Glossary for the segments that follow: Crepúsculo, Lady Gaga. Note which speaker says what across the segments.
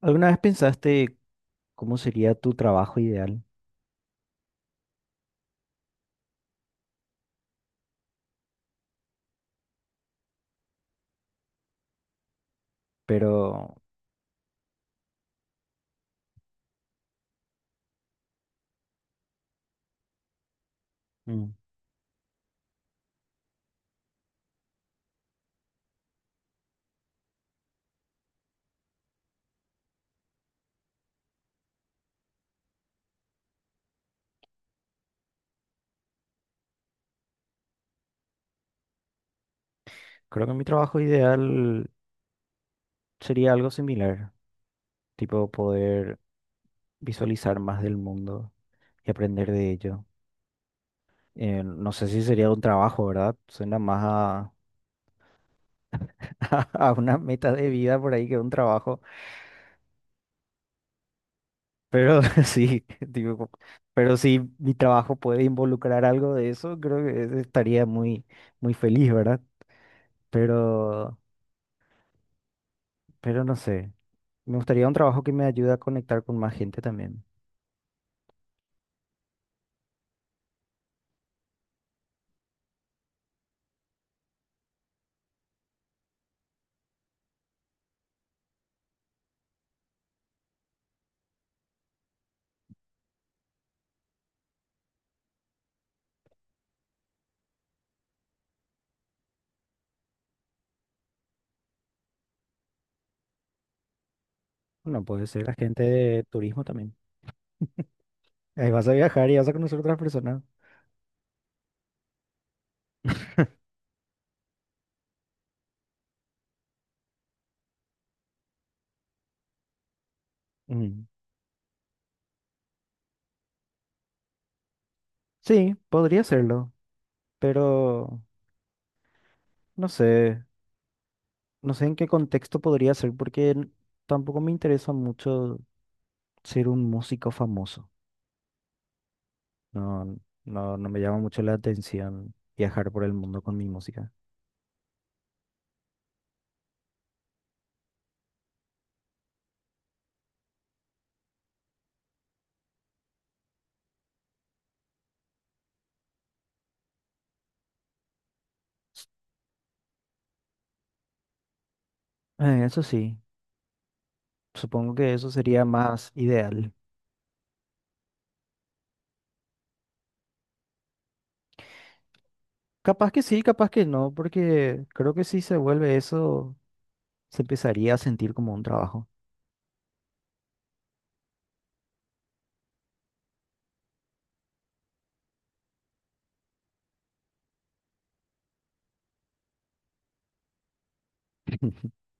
Speaker 1: ¿Alguna vez pensaste cómo sería tu trabajo ideal? Pero mm, creo que mi trabajo ideal sería algo similar, tipo poder visualizar más del mundo y aprender de ello. No sé si sería un trabajo, ¿verdad? Suena más a, a una meta de vida por ahí que un trabajo, pero sí, tipo, pero si mi trabajo puede involucrar algo de eso, creo que estaría muy, muy feliz, ¿verdad? Pero... pero no sé. Me gustaría un trabajo que me ayude a conectar con más gente también. Bueno, puede ser agente de turismo también. Ahí vas a viajar y vas a conocer otras personas. Mm. Sí, podría serlo, pero no sé, no sé en qué contexto podría ser porque tampoco me interesa mucho ser un músico famoso. No, no, no me llama mucho la atención viajar por el mundo con mi música. Eso sí, supongo que eso sería más ideal. Capaz que sí, capaz que no, porque creo que si se vuelve eso, se empezaría a sentir como un trabajo.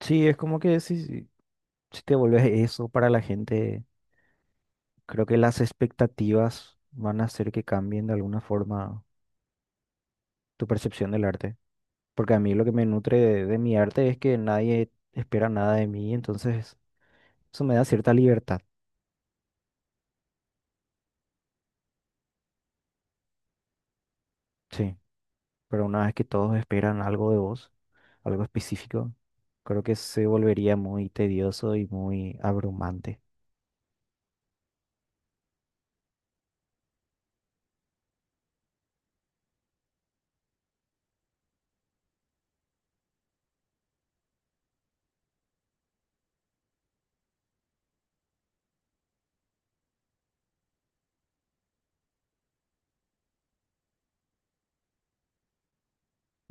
Speaker 1: Sí, es como que si, si te vuelves eso para la gente, creo que las expectativas van a hacer que cambien de alguna forma tu percepción del arte. Porque a mí lo que me nutre de mi arte es que nadie espera nada de mí, entonces eso me da cierta libertad. Sí. Pero una vez que todos esperan algo de vos, algo específico, creo que se volvería muy tedioso y muy abrumante.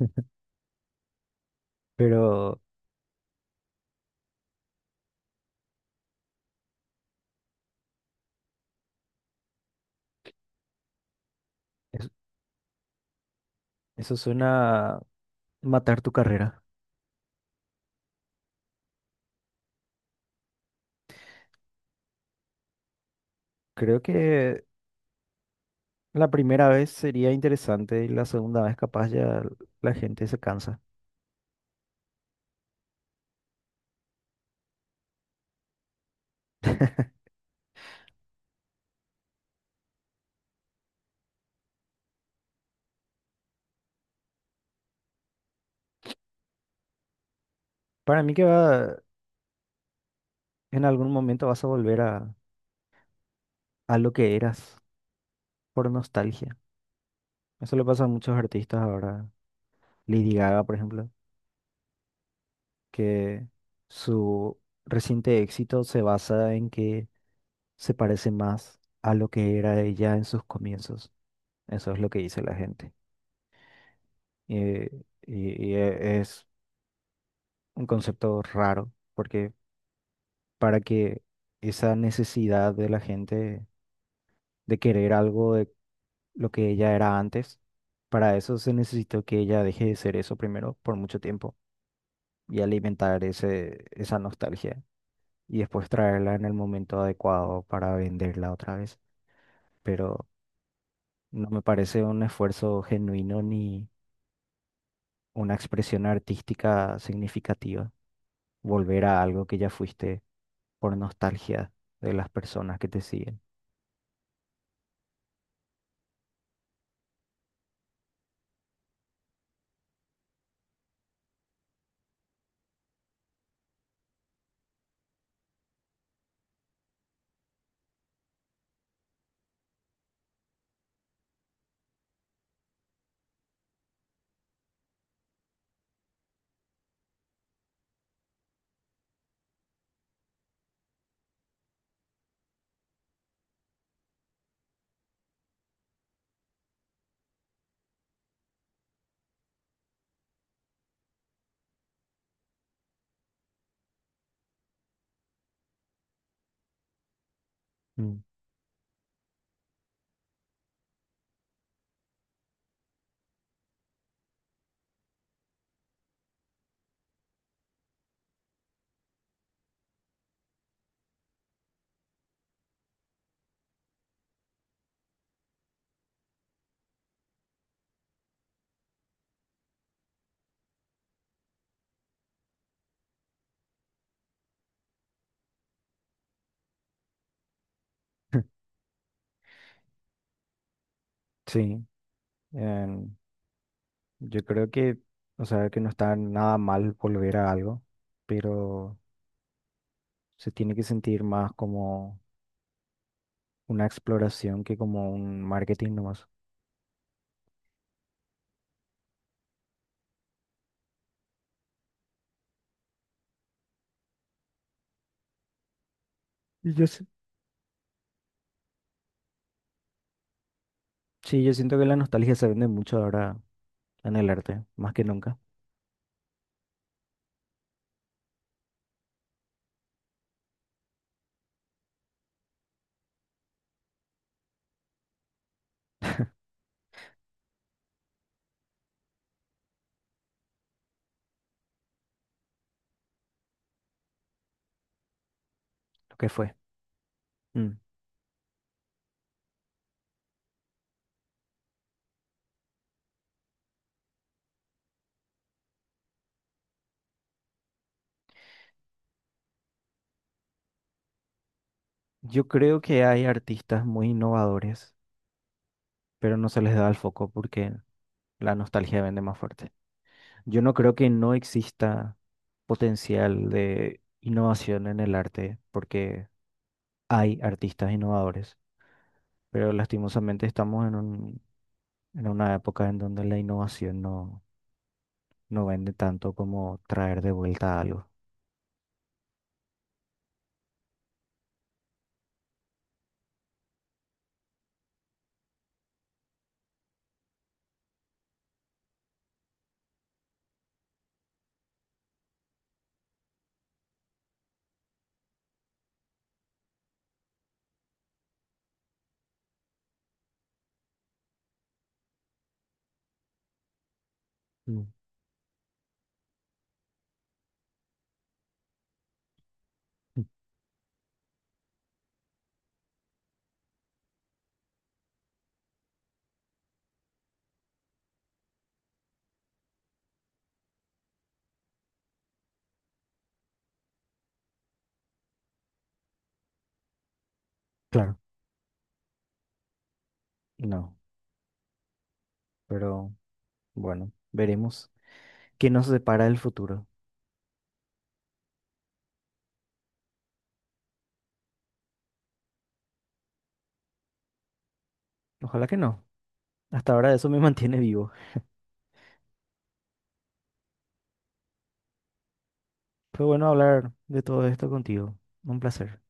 Speaker 1: Pero es- eso suena a matar tu carrera. Creo que la primera vez sería interesante y la segunda vez capaz ya la gente se cansa. Para mí que va, en algún momento vas a volver a lo que eras por nostalgia. Eso le pasa a muchos artistas ahora. Lady Gaga, por ejemplo. Que su reciente éxito se basa en que se parece más a lo que era ella en sus comienzos. Eso es lo que dice la gente. Eh, y, y es un concepto raro, porque para que esa necesidad de la gente de querer algo de lo que ella era antes, para eso se necesitó que ella deje de ser eso primero por mucho tiempo y alimentar ese, esa nostalgia. Y después traerla en el momento adecuado para venderla otra vez. Pero no me parece un esfuerzo genuino ni una expresión artística significativa volver a algo que ya fuiste por nostalgia de las personas que te siguen. Mm. Sí, em, yo creo que, o sea, que no está nada mal volver a algo, pero se tiene que sentir más como una exploración que como un marketing nomás. Y yo, s- Sí, yo siento que la nostalgia se vende mucho ahora en el arte, más que nunca, lo que fue. Mm. Yo creo que hay artistas muy innovadores, pero no se les da el foco porque la nostalgia vende más fuerte. Yo no creo que no exista potencial de innovación en el arte porque hay artistas innovadores, pero lastimosamente estamos en un, en una época en donde la innovación no, no vende tanto como traer de vuelta algo. Mm. Mm. Claro. No, pero... Bueno, veremos qué nos depara el futuro. Ojalá que no. Hasta ahora eso me mantiene vivo. Fue bueno hablar de todo esto contigo. Un placer.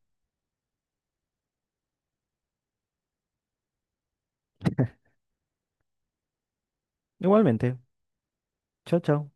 Speaker 1: Igualmente. Chao, chao.